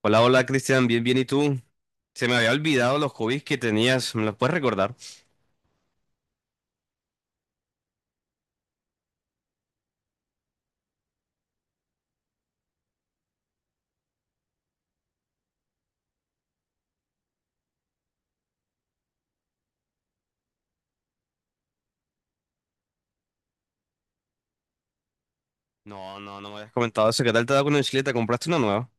Hola, hola Cristian, bien, bien, ¿y tú? Se me había olvidado los hobbies que tenías, ¿me los puedes recordar? No, no, no me habías comentado eso, ¿qué tal te ha dado con la bicicleta? ¿Compraste una nueva?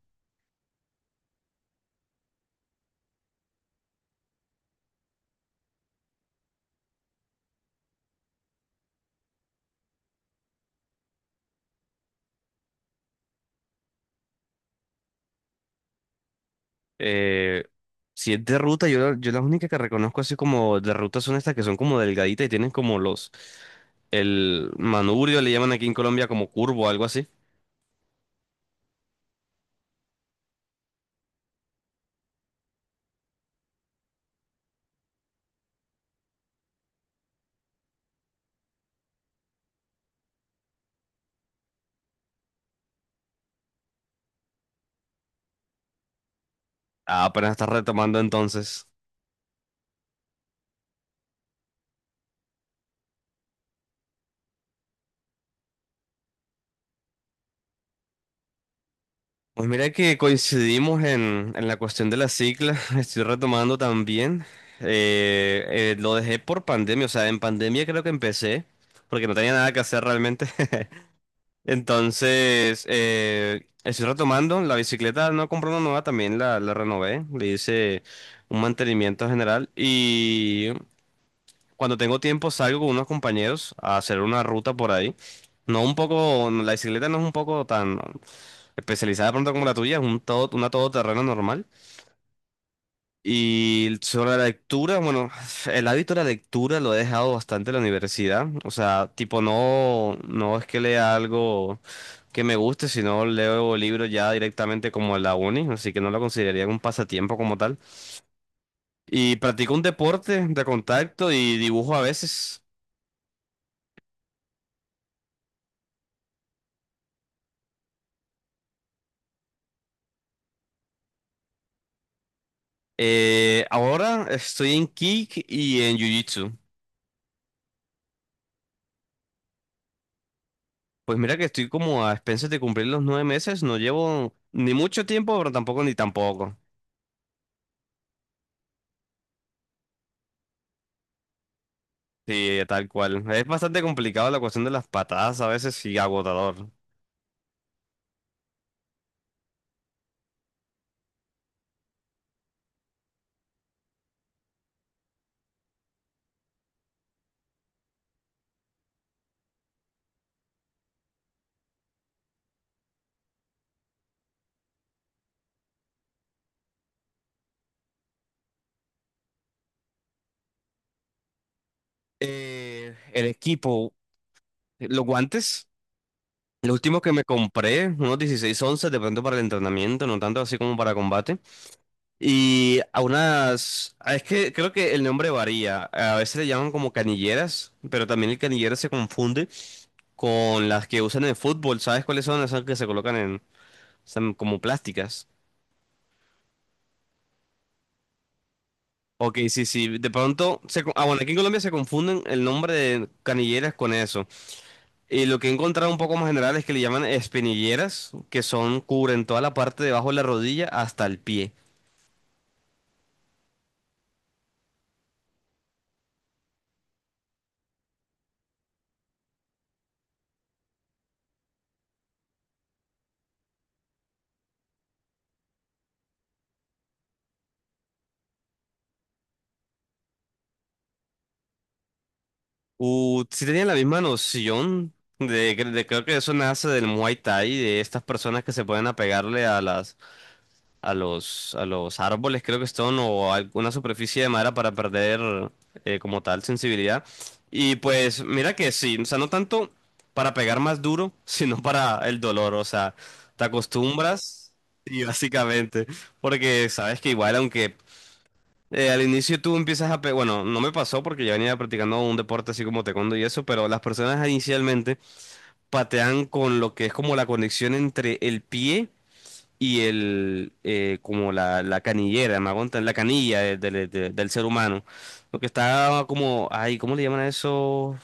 Eh, si es de ruta, yo las únicas que reconozco así como de ruta son estas que son como delgaditas y tienen como el manubrio le llaman aquí en Colombia como curvo, algo así. Ah, apenas estás retomando entonces. Pues mira que coincidimos en la cuestión de la cicla, estoy retomando también. Eh, lo dejé por pandemia, o sea, en pandemia creo que empecé, porque no tenía nada que hacer realmente. Entonces, estoy retomando, la bicicleta no compré una nueva, también la renové, le hice un mantenimiento general y cuando tengo tiempo salgo con unos compañeros a hacer una ruta por ahí. No un poco, la bicicleta no es un poco tan especializada de pronto como la tuya, es un todo, una todoterreno normal. Y sobre la lectura, bueno, el hábito de la lectura lo he dejado bastante en la universidad. O sea, tipo, no, no es que lea algo que me guste, sino leo libros ya directamente como en la uni, así que no lo consideraría un pasatiempo como tal. Y practico un deporte de contacto y dibujo a veces. Ahora estoy en kick y en jiu-jitsu. Pues mira que estoy como a expensas de cumplir los 9 meses, no llevo ni mucho tiempo, pero tampoco ni tampoco. Sí, tal cual. Es bastante complicado la cuestión de las patadas a veces y agotador. El equipo, los guantes, los últimos que me compré, unos 16 11, de pronto para el entrenamiento, no tanto así como para combate. Es que creo que el nombre varía, a veces le llaman como canilleras, pero también el canillero se confunde con las que usan en el fútbol, ¿sabes cuáles son? Esas que se colocan son como plásticas. Ok, sí, sí. De pronto, bueno, aquí en Colombia se confunden el nombre de canilleras con eso. Y lo que he encontrado un poco más general es que le llaman espinilleras, que cubren toda la parte debajo de la rodilla hasta el pie. Sí tenían la misma noción de creo que eso nace del Muay Thai, de estas personas que se pueden apegarle a los árboles, creo que son, o alguna superficie de madera para perder como tal sensibilidad. Y pues mira que sí, o sea, no tanto para pegar más duro, sino para el dolor, o sea, te acostumbras y básicamente, porque sabes que igual aunque... al inicio tú empiezas bueno, no me pasó porque yo venía practicando un deporte así como taekwondo y eso, pero las personas inicialmente patean con lo que es como la conexión entre el pie y como la canillera, me aguantan la canilla del ser humano. Lo que está como, ay, ¿cómo le llaman a eso?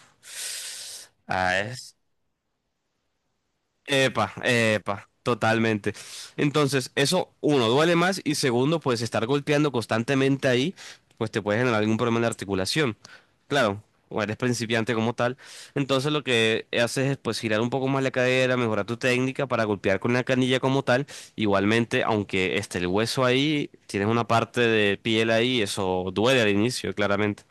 Epa, epa, totalmente. Entonces, eso, uno, duele más y segundo, pues estar golpeando constantemente ahí, pues te puede generar algún problema de articulación. Claro, o eres principiante como tal. Entonces lo que haces es pues girar un poco más la cadera, mejorar tu técnica para golpear con la canilla como tal. Igualmente, aunque esté el hueso ahí, tienes una parte de piel ahí, eso duele al inicio, claramente.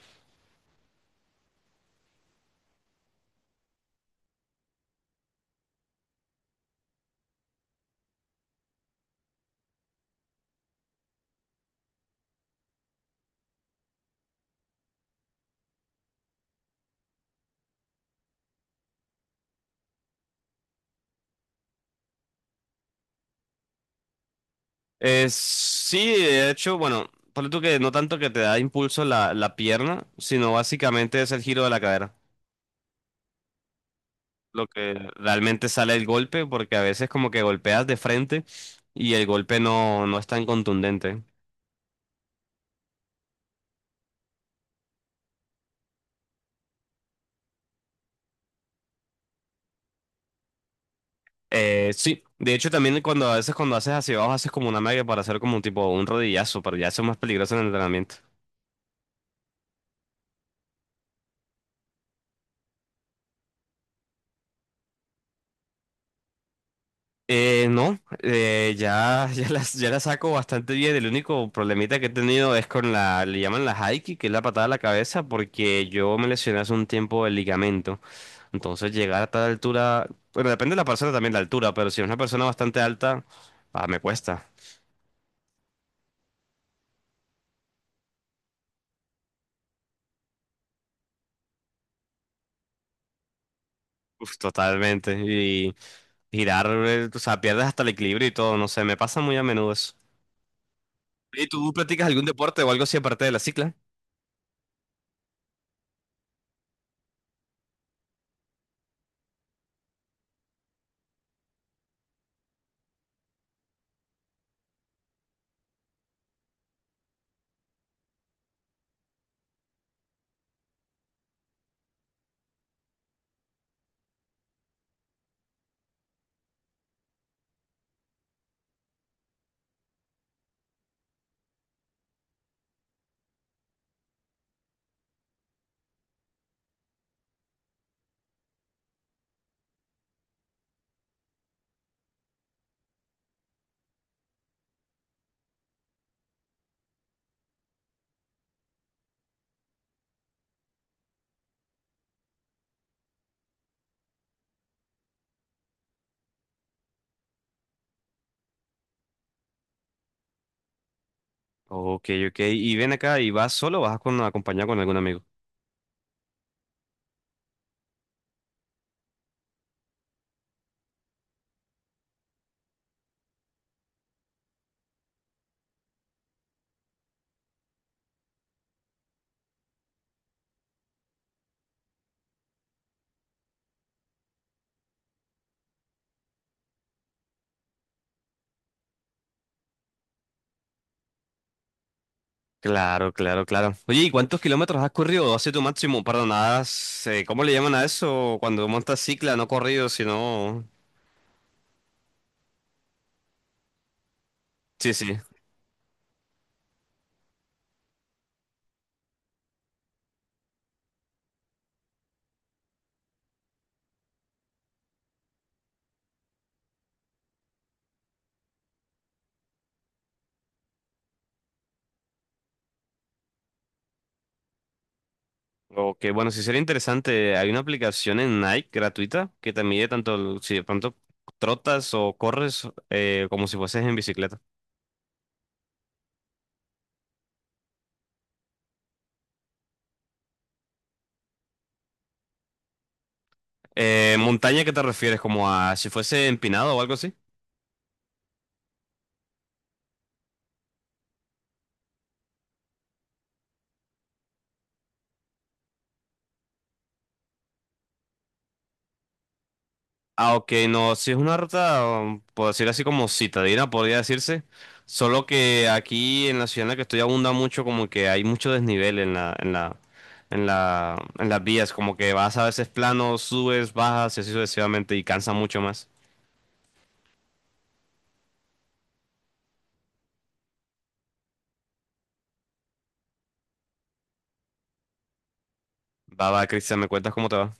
Sí, de hecho, bueno, ponle tú que no tanto que te da impulso la pierna, sino básicamente es el giro de la cadera, lo que realmente sale el golpe, porque a veces como que golpeas de frente y el golpe no, no es tan contundente. Sí, de hecho también cuando a veces cuando haces hacia abajo haces como una magia para hacer como un tipo un rodillazo, pero ya eso es más peligroso en el entrenamiento. No, ya, ya las saco bastante bien. El único problemita que he tenido es con le llaman la haiki, que es la patada a la cabeza, porque yo me lesioné hace un tiempo el ligamento. Entonces llegar a tal altura, bueno, depende de la persona también la altura, pero si es una persona bastante alta, me cuesta. Uf, totalmente. Y girar, o sea, pierdes hasta el equilibrio y todo, no sé, me pasa muy a menudo eso. ¿Y tú practicas algún deporte o algo así aparte de la cicla? Ok, ok. ¿Y ven acá y vas solo o vas con acompañado con algún amigo? Claro, claro, claro. Oye, ¿y cuántos kilómetros has corrido? Hace tu máximo, perdón, has, ¿cómo le llaman a eso? Cuando montas cicla, no corrido, sino... Sí, sí. O que, bueno, si sería interesante, hay una aplicación en Nike gratuita que te mide tanto si de pronto trotas o corres como si fueses en bicicleta. ¿Montaña qué te refieres? ¿Como a si fuese empinado o algo así? Ah, ok, no, si es una ruta, puedo decir así como citadina, podría decirse. Solo que aquí en la ciudad en la que estoy abunda mucho, como que hay mucho desnivel en las vías, como que vas a veces plano, subes, bajas y así sucesivamente y cansa mucho más. Va, va, Cristian, ¿me cuentas cómo te va?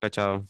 Chao, chao.